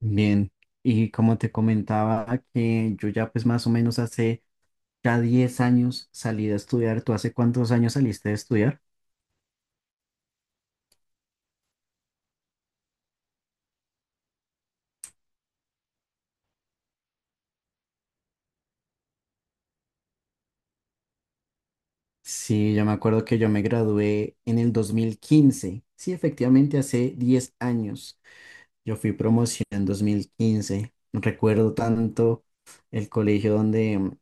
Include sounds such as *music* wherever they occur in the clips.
Bien, y como te comentaba que yo ya pues más o menos hace ya 10 años salí de estudiar. ¿Tú hace cuántos años saliste de estudiar? Sí, yo me acuerdo que yo me gradué en el 2015. Sí, efectivamente, hace 10 años. Yo fui promoción en 2015. Recuerdo tanto el colegio donde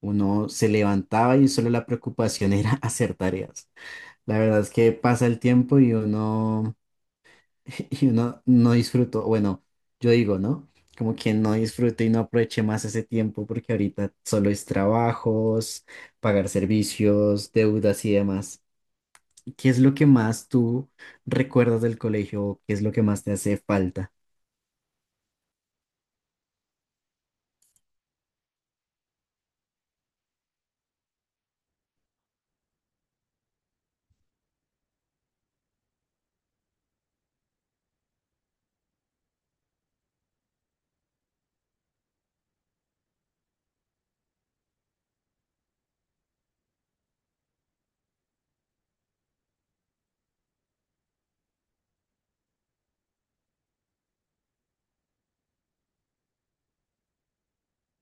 uno se levantaba y solo la preocupación era *laughs* hacer tareas. La verdad es que pasa el tiempo y uno *laughs* y uno no disfrutó, bueno, yo digo, ¿no? Como que no disfrute y no aproveche más ese tiempo porque ahorita solo es trabajos, pagar servicios, deudas y demás. ¿Qué es lo que más tú recuerdas del colegio, o qué es lo que más te hace falta?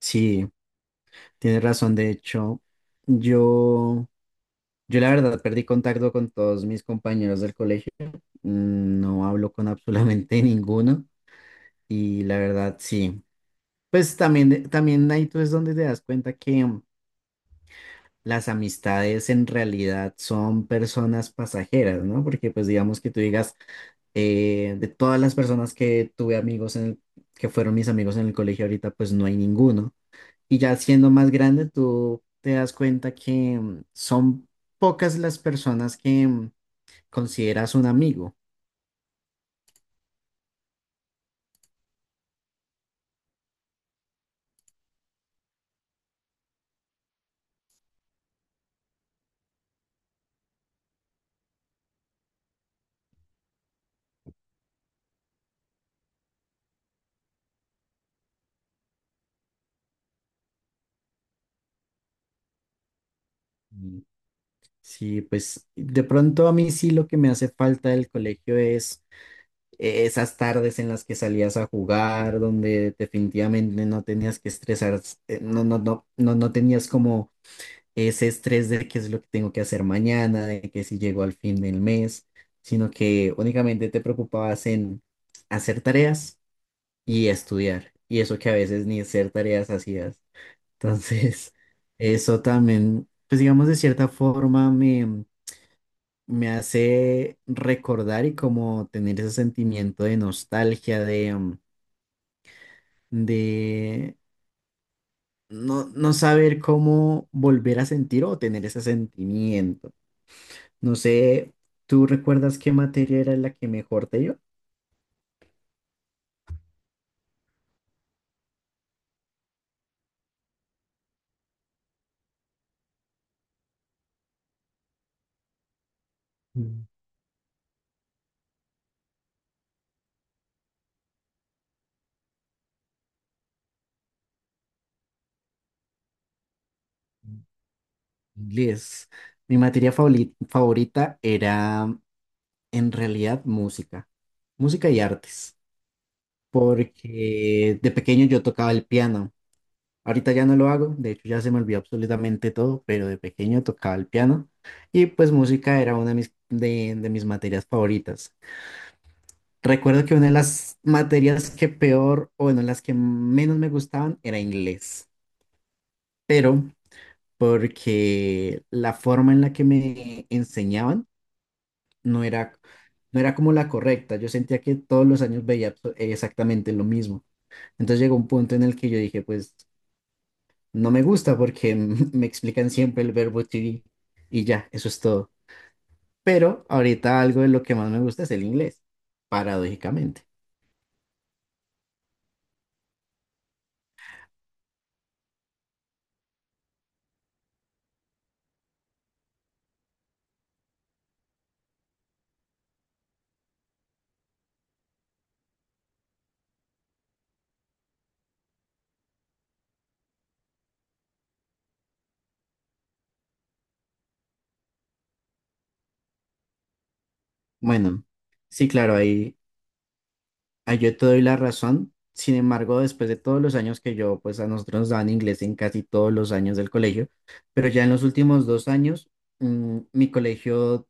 Sí, tienes razón. De hecho, yo, yo la verdad perdí contacto con todos mis compañeros del colegio. No hablo con absolutamente *laughs* ninguno. Y la verdad, sí. Pues también ahí tú es donde te das cuenta que las amistades en realidad son personas pasajeras, ¿no? Porque pues digamos que tú digas, de todas las personas que tuve que fueron mis amigos en el colegio ahorita, pues no hay ninguno. Y ya siendo más grande, tú te das cuenta que son pocas las personas que consideras un amigo. Mm. Sí, pues de pronto a mí sí lo que me hace falta del colegio es esas tardes en las que salías a jugar, donde definitivamente no tenías que estresar, no, no, no, no, no tenías como ese estrés de qué es lo que tengo que hacer mañana, de que si llego al fin del mes, sino que únicamente te preocupabas en hacer tareas y estudiar, y eso que a veces ni hacer tareas hacías. Entonces, *laughs* eso también, pues digamos de cierta forma me hace recordar y como tener ese sentimiento de nostalgia, de no, no saber cómo volver a sentir o tener ese sentimiento. No sé, ¿tú recuerdas qué materia era la que mejor te iba? Mm. Inglés. Mi favorita era en realidad música, música y artes, porque de pequeño yo tocaba el piano. Ahorita ya no lo hago, de hecho ya se me olvidó absolutamente todo, pero de pequeño tocaba el piano y pues música era una de mis materias favoritas. Recuerdo que una de las materias que peor, o bueno, las que menos me gustaban era inglés, pero porque la forma en la que me enseñaban no era, no era como la correcta. Yo sentía que todos los años veía exactamente lo mismo. Entonces llegó un punto en el que yo dije, pues no me gusta porque *laughs* me explican siempre el verbo to be y ya, eso es todo. Pero ahorita algo de lo que más me gusta es el inglés, paradójicamente. Bueno, sí, claro, ahí yo te doy la razón. Sin embargo, después de todos los años que yo, pues a nosotros nos daban inglés en casi todos los años del colegio, pero ya en los últimos 2 años, mi colegio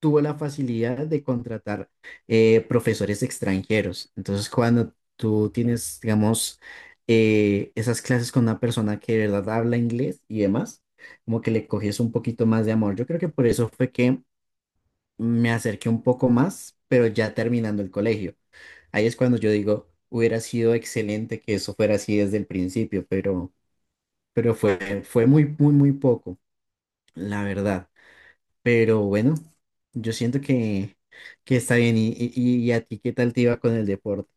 tuvo la facilidad de contratar profesores extranjeros. Entonces, cuando tú tienes, digamos, esas clases con una persona que de verdad habla inglés y demás, como que le coges un poquito más de amor. Yo creo que por eso fue que me acerqué un poco más, pero ya terminando el colegio. Ahí es cuando yo digo, hubiera sido excelente que eso fuera así desde el principio, pero fue muy, muy, muy poco, la verdad. Pero bueno, yo siento que está bien. ¿Y a ti qué tal te iba con el deporte?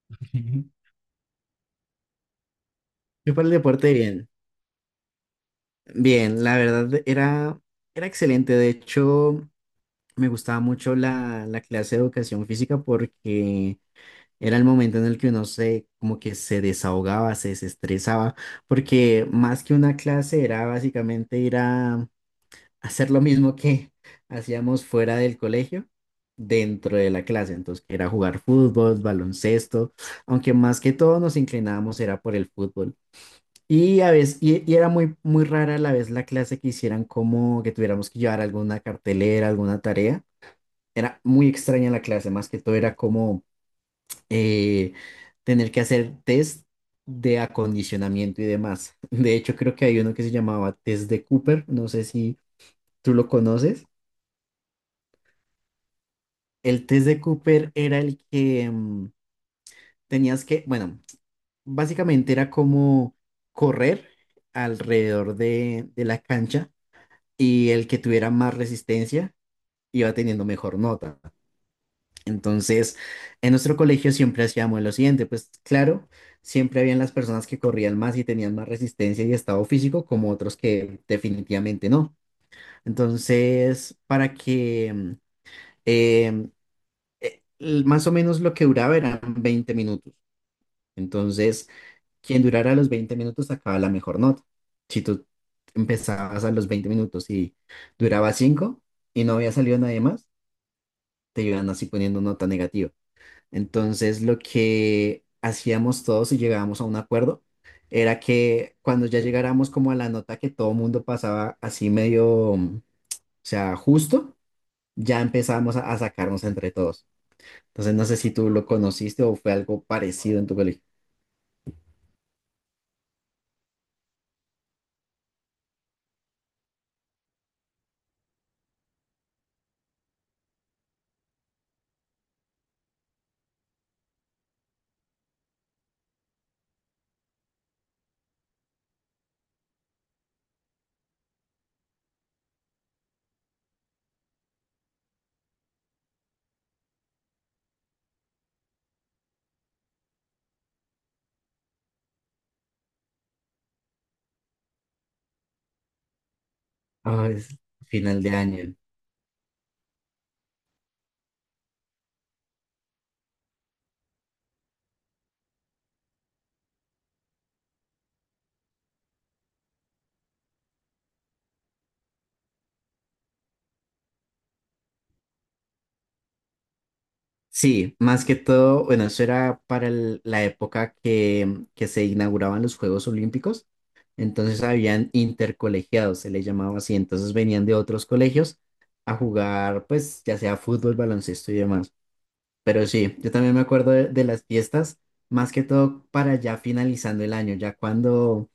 *laughs* Yo para el deporte bien. Bien, la verdad era excelente. De hecho, me gustaba mucho la clase de educación física porque era el momento en el que uno se, como que se desahogaba, se desestresaba, porque más que una clase era básicamente ir a, hacer lo mismo que *laughs* hacíamos fuera del colegio, dentro de la clase. Entonces, que era jugar fútbol, baloncesto, aunque más que todo nos inclinábamos era por el fútbol. Y a veces, y era muy, muy rara a la vez la clase que hicieran como que tuviéramos que llevar alguna cartelera, alguna tarea. Era muy extraña la clase, más que todo era como eh, tener que hacer test de acondicionamiento y demás. *laughs* De hecho, creo que hay uno que se llamaba test de Cooper, no sé si tú lo conoces. El test de Cooper era el que tenías que, bueno, básicamente era como correr alrededor de la cancha y el que tuviera más resistencia iba teniendo mejor nota. Entonces, en nuestro colegio siempre hacíamos lo siguiente, pues claro, siempre habían las personas que corrían más y tenían más resistencia y estado físico, como otros que definitivamente no. Entonces, para que em, más o menos lo que duraba eran 20 minutos. Entonces, quien durara los 20 minutos sacaba la mejor nota. Si tú empezabas a los 20 minutos y duraba 5 y no había salido nadie más, te iban así poniendo nota negativa. Entonces, lo que hacíamos todos y llegábamos a un acuerdo era que cuando ya llegáramos como a la nota que todo mundo pasaba así medio, o sea, justo, ya empezábamos a sacarnos entre todos. Entonces, no sé si tú lo conociste o fue algo parecido en tu colegio. Ah, es final de año. Sí, más que todo, bueno, eso era para la época que se inauguraban los Juegos Olímpicos. Entonces habían intercolegiados, se les llamaba así. Entonces venían de otros colegios a jugar, pues, ya sea fútbol, baloncesto y demás. Pero sí, yo también me acuerdo de las fiestas, más que todo para ya finalizando el año, ya cuando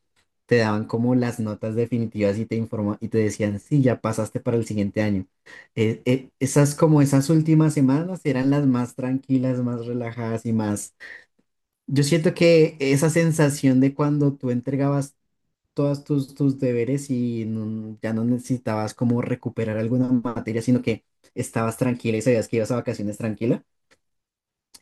te daban como las notas definitivas y te informa y te decían, sí, ya pasaste para el siguiente año. Esas como esas últimas semanas eran las más tranquilas, más relajadas y más. Yo siento que esa sensación de cuando tú entregabas todos tus deberes y ya no necesitabas como recuperar alguna materia, sino que estabas tranquila y sabías que ibas a vacaciones tranquila.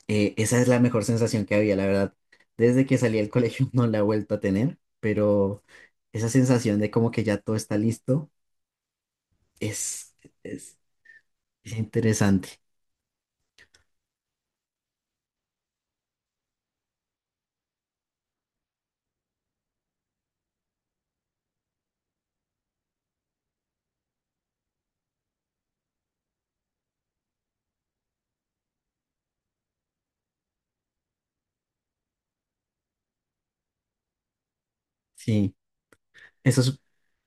Esa es la mejor sensación que había, la verdad. Desde que salí del colegio *laughs* no la he vuelto a tener, pero esa sensación de como que ya todo está listo es, es, es interesante. Sí, esos,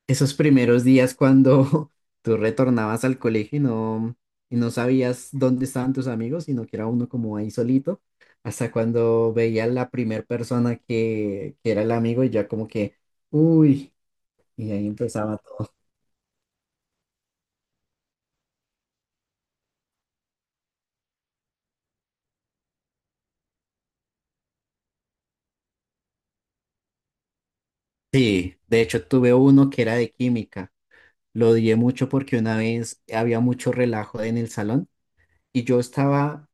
esos primeros días cuando *laughs* tú retornabas al colegio y no sabías dónde estaban tus amigos, sino que era uno como ahí solito, hasta cuando veía la primera persona que era el amigo y ya como que, uy, y ahí empezaba todo. Sí, de hecho tuve uno que era de química. Lo odié mucho porque una vez había mucho relajo en el salón y yo estaba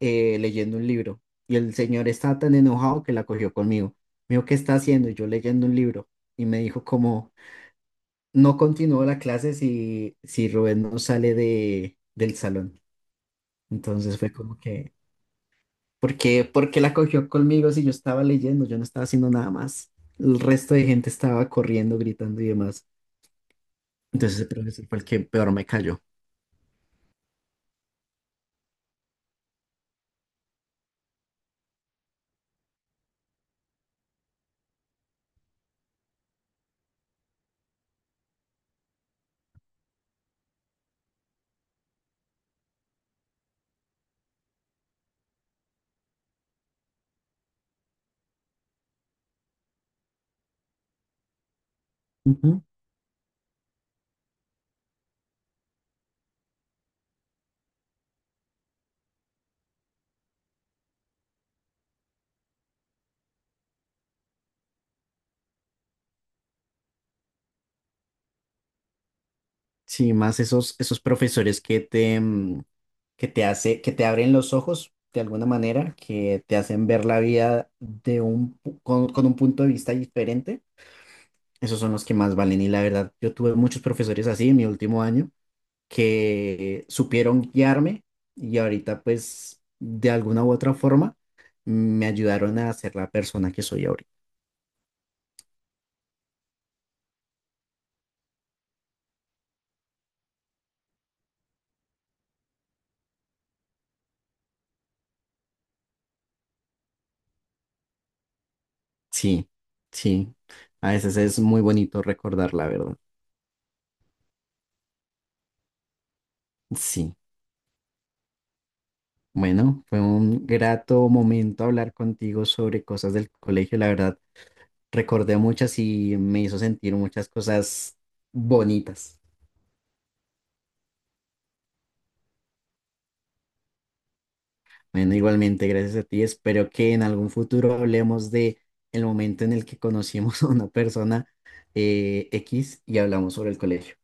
leyendo un libro y el señor estaba tan enojado que la cogió conmigo. Me dijo, ¿qué está haciendo? Y yo leyendo un libro y me dijo como, no continúo la clase si Rubén no sale del salón. Entonces fue como que, ¿por qué la cogió conmigo si yo estaba leyendo? Yo no estaba haciendo nada más. El resto de gente estaba corriendo, gritando y demás. Entonces ese profesor fue el que peor me cayó. Ujú. Sí, más esos profesores que te abren los ojos de alguna manera, que te hacen ver la vida de un, pu- con un punto de vista diferente. Esos son los que más valen. Y la verdad, yo tuve muchos profesores así en mi último año que supieron guiarme y ahorita pues de alguna u otra forma me ayudaron a ser la persona que soy ahorita. Sí, sí. A veces es muy bonito recordar la verdad. Sí, bueno, fue un grato momento hablar contigo sobre cosas del colegio. La verdad, recordé muchas y me hizo sentir muchas cosas bonitas. Bueno, igualmente, gracias a ti. Espero que en algún futuro hablemos de el momento en el que conocimos *laughs* a una persona X y hablamos sobre el colegio.